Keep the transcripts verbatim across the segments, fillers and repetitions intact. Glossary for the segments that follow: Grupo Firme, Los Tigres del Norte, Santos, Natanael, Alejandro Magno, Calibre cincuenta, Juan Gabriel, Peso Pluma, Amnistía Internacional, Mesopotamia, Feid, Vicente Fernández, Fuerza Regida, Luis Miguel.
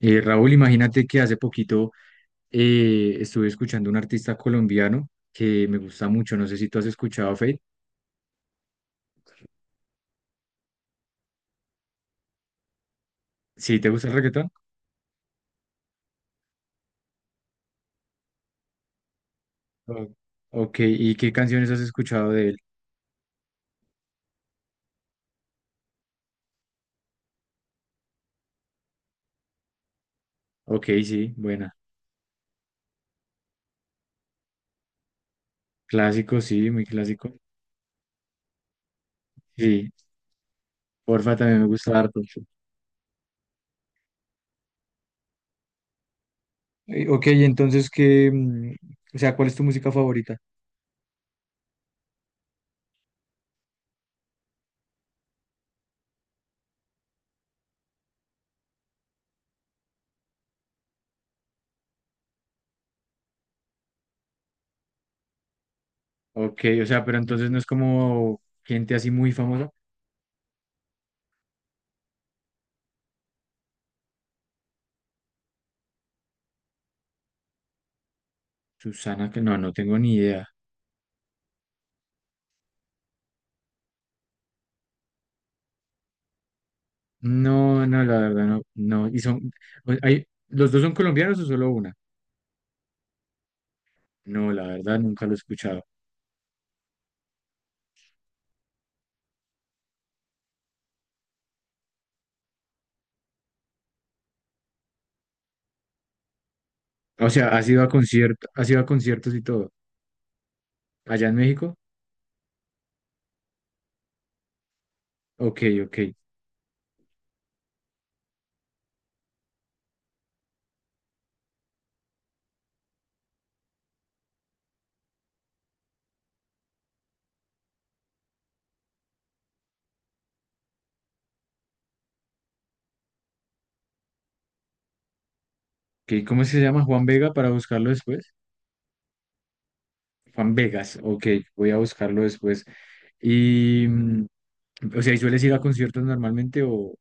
Eh, Raúl, imagínate que hace poquito eh, estuve escuchando un artista colombiano que me gusta mucho. No sé si tú has escuchado a Feid. ¿Sí te gusta el reggaetón? O- ok, ¿y qué canciones has escuchado de él? Ok, sí, buena. Clásico, sí, muy clásico. Sí, porfa, también me gusta harto. Eh, ok, entonces, ¿qué? mm, O sea, ¿cuál es tu música favorita? Ok, o sea, pero entonces no es como gente así muy famosa. Susana, que no, no tengo ni idea. No, no, la verdad, no, no. Y son, o- hay, ¿los dos son colombianos o solo una? No, la verdad, nunca lo he escuchado. O sea, ¿has ido a conciertos, has ido a conciertos y todo? ¿Allá en México? Ok, ok. Ok, ¿cómo se llama? Juan Vega para buscarlo después. Juan Vegas, ok, voy a buscarlo después. Y, mm, o sea, ¿y sueles ir a conciertos normalmente o,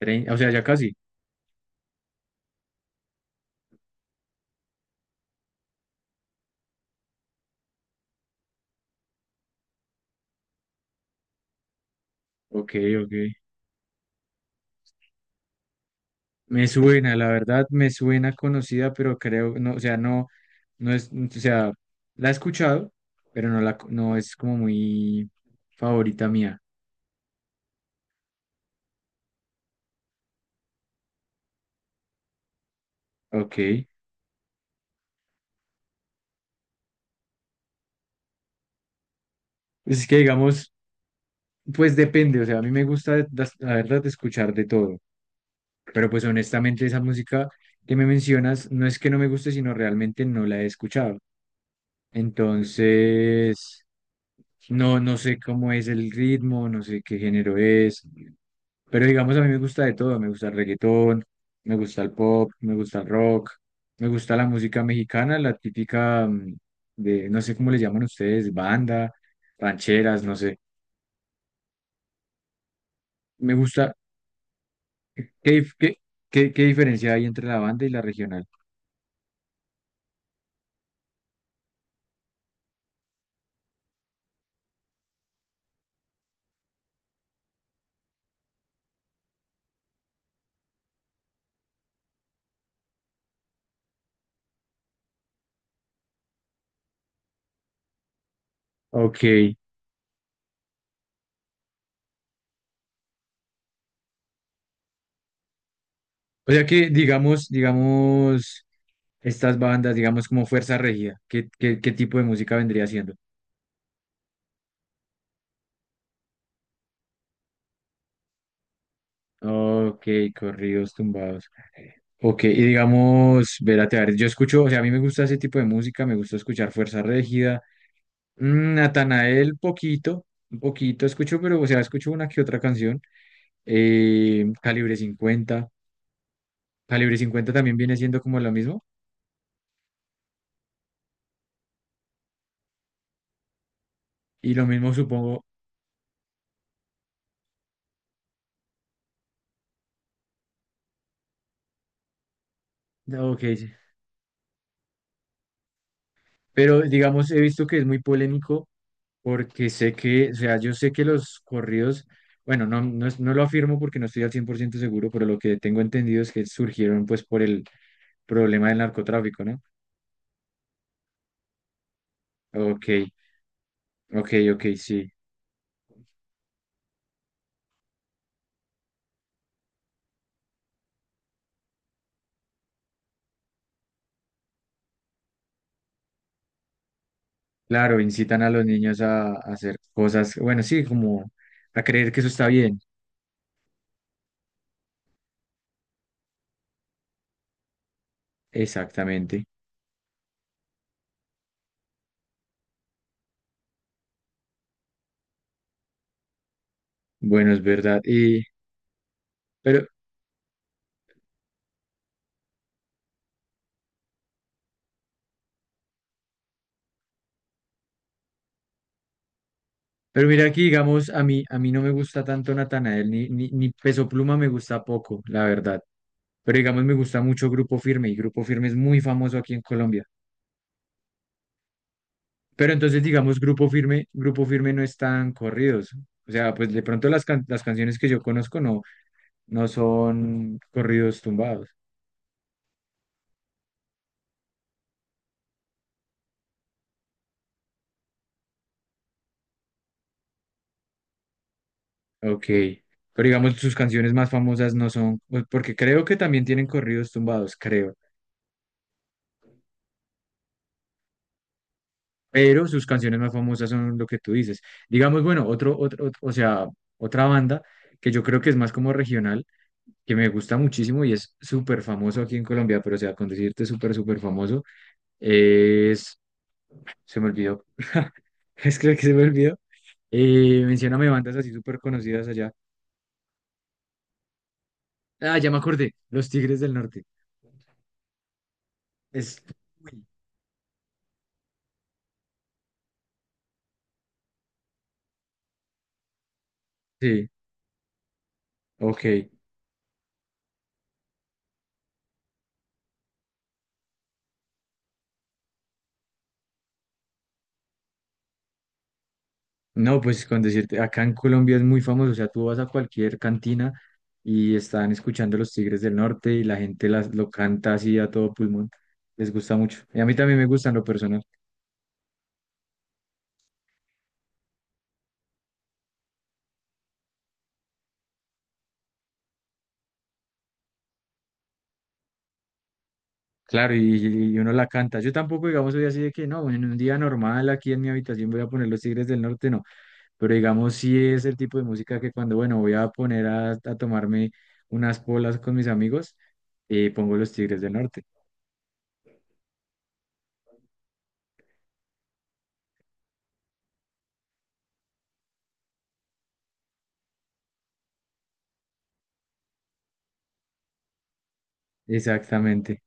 trein- o sea, ya casi? Ok, ok. Me suena, la verdad, me suena conocida, pero creo, no, o sea, no, no es, o sea, la he escuchado, pero no la, co- no es como muy favorita mía. Ok. Pues es que digamos, pues depende, o sea, a mí me gusta, de- das- la verdad, de escuchar de todo, pero pues honestamente esa música que me mencionas no es que no me guste, sino realmente no la he escuchado. Entonces, no, no sé cómo es el ritmo, no sé qué género es, pero digamos a mí me gusta de todo, me gusta el reggaetón, me gusta el pop, me gusta el rock, me gusta la música mexicana, la típica, mm, de, no sé cómo le llaman ustedes, banda, rancheras, no sé. Me gusta, ¿qué, dif- qué, qué, qué diferencia hay entre la banda y la regional? Ok, o sea que, digamos, digamos, estas bandas, digamos, como Fuerza Regida, ¿qué, qué, qué tipo de música vendría siendo? Ok, corridos tumbados. Ok, y digamos, Vérate, a ver, yo escucho, o sea, a mí me gusta ese tipo de música, me gusta escuchar Fuerza Regida, Mm, Natanael, poquito, un poquito escucho, pero, o sea, escucho una que otra canción, Eh, Calibre cincuenta, Calibre cincuenta también viene siendo como lo mismo, y lo mismo supongo, ok, sí. Pero digamos, he visto que es muy polémico porque sé que, o sea, yo sé que los corridos, bueno, no, no, es- no lo afirmo porque no estoy al cien por ciento seguro, pero lo que tengo entendido es que surgieron pues por el problema del narcotráfico, ¿no? Ok, ok, ok, sí. Claro, incitan a los niños a, a hacer cosas, bueno, sí, como a creer que eso está bien. Exactamente. Bueno, es verdad. Y, pero, Pero mira que, digamos, a mí, a mí no me gusta tanto Natanael, ni, ni, ni Peso Pluma me gusta poco, la verdad. Pero digamos, me gusta mucho Grupo Firme y Grupo Firme es muy famoso aquí en Colombia. Pero entonces, digamos, Grupo Firme, Grupo Firme no están corridos. O sea, pues de pronto las, can- las canciones que yo conozco no, no son corridos tumbados. Ok. Pero digamos, sus canciones más famosas no son, pues, porque creo que también tienen corridos tumbados, creo. Pero sus canciones más famosas son lo que tú dices. Digamos, bueno, otro, otro, ot- o sea, otra banda que yo creo que es más como regional, que me gusta muchísimo y es súper famoso aquí en Colombia, pero o sea, con decirte súper, súper famoso, es, se me olvidó, es que se me olvidó, eh, mencióname bandas así súper conocidas allá. Ah, ya me acordé, Los Tigres del Norte. Es, sí, ok. No, pues con decirte, acá en Colombia es muy famoso, o sea, tú vas a cualquier cantina y están escuchando Los Tigres del Norte y la gente las, lo canta así a todo pulmón, les gusta mucho. Y a mí también me gustan lo personal, claro, y, y uno la canta. Yo tampoco, digamos, soy así de que no, en un día normal aquí en mi habitación voy a poner Los Tigres del Norte, no, pero digamos, sí es el tipo de música que cuando, bueno, voy a poner a, a tomarme unas polas con mis amigos, eh, pongo Los Tigres del Norte. Exactamente,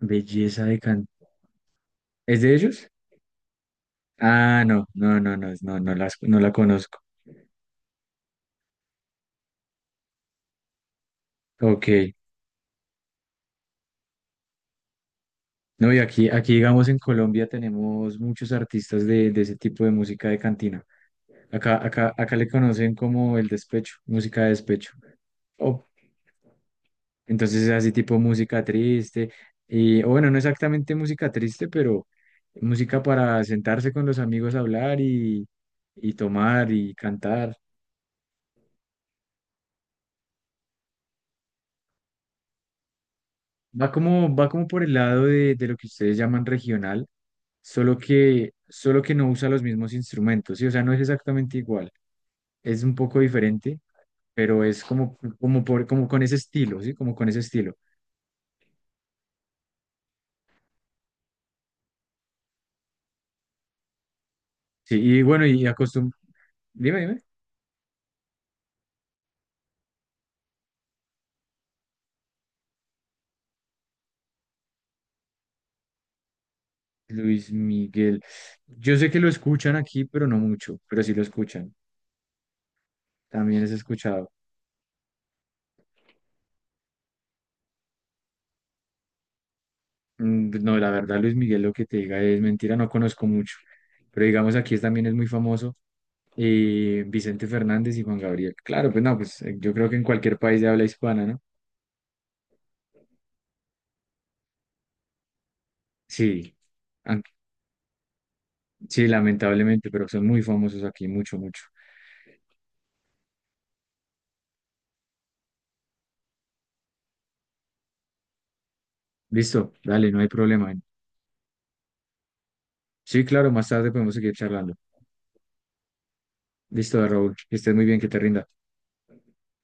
belleza de canto. ¿Es de ellos? Ah, no, no, no, no, no, no las, no la conozco. Ok. No, y aquí, aquí, digamos, en Colombia tenemos muchos artistas de, de ese tipo de música de cantina. Acá, acá, acá le conocen como el despecho, música de despecho. Oh, entonces es así tipo música triste. Y, o bueno, no exactamente música triste, pero música para sentarse con los amigos a hablar y, y tomar y cantar. Va como, va como por el lado de, de lo que ustedes llaman regional, solo que, solo que no usa los mismos instrumentos, ¿sí? O sea, no es exactamente igual, es un poco diferente, pero es como, como, por, como con ese estilo, ¿sí? Como con ese estilo. Sí, y bueno, y acostum... Dime, dime. Luis Miguel. Yo sé que lo escuchan aquí, pero no mucho, pero sí lo escuchan. También es escuchado. Mm, pues, no, la verdad, Luis Miguel, lo que te diga es mentira, no conozco mucho. Pero digamos, aquí es- también es muy famoso eh, Vicente Fernández y Juan Gabriel. Claro, pues no, pues eh, yo creo que en cualquier país de habla hispana, ¿no? Sí, an- sí, lamentablemente, pero son muy famosos aquí, mucho, mucho. Listo, dale, no hay problema. Sí, claro, más tarde podemos seguir charlando. Listo, Raúl, que estés muy bien, que te rinda.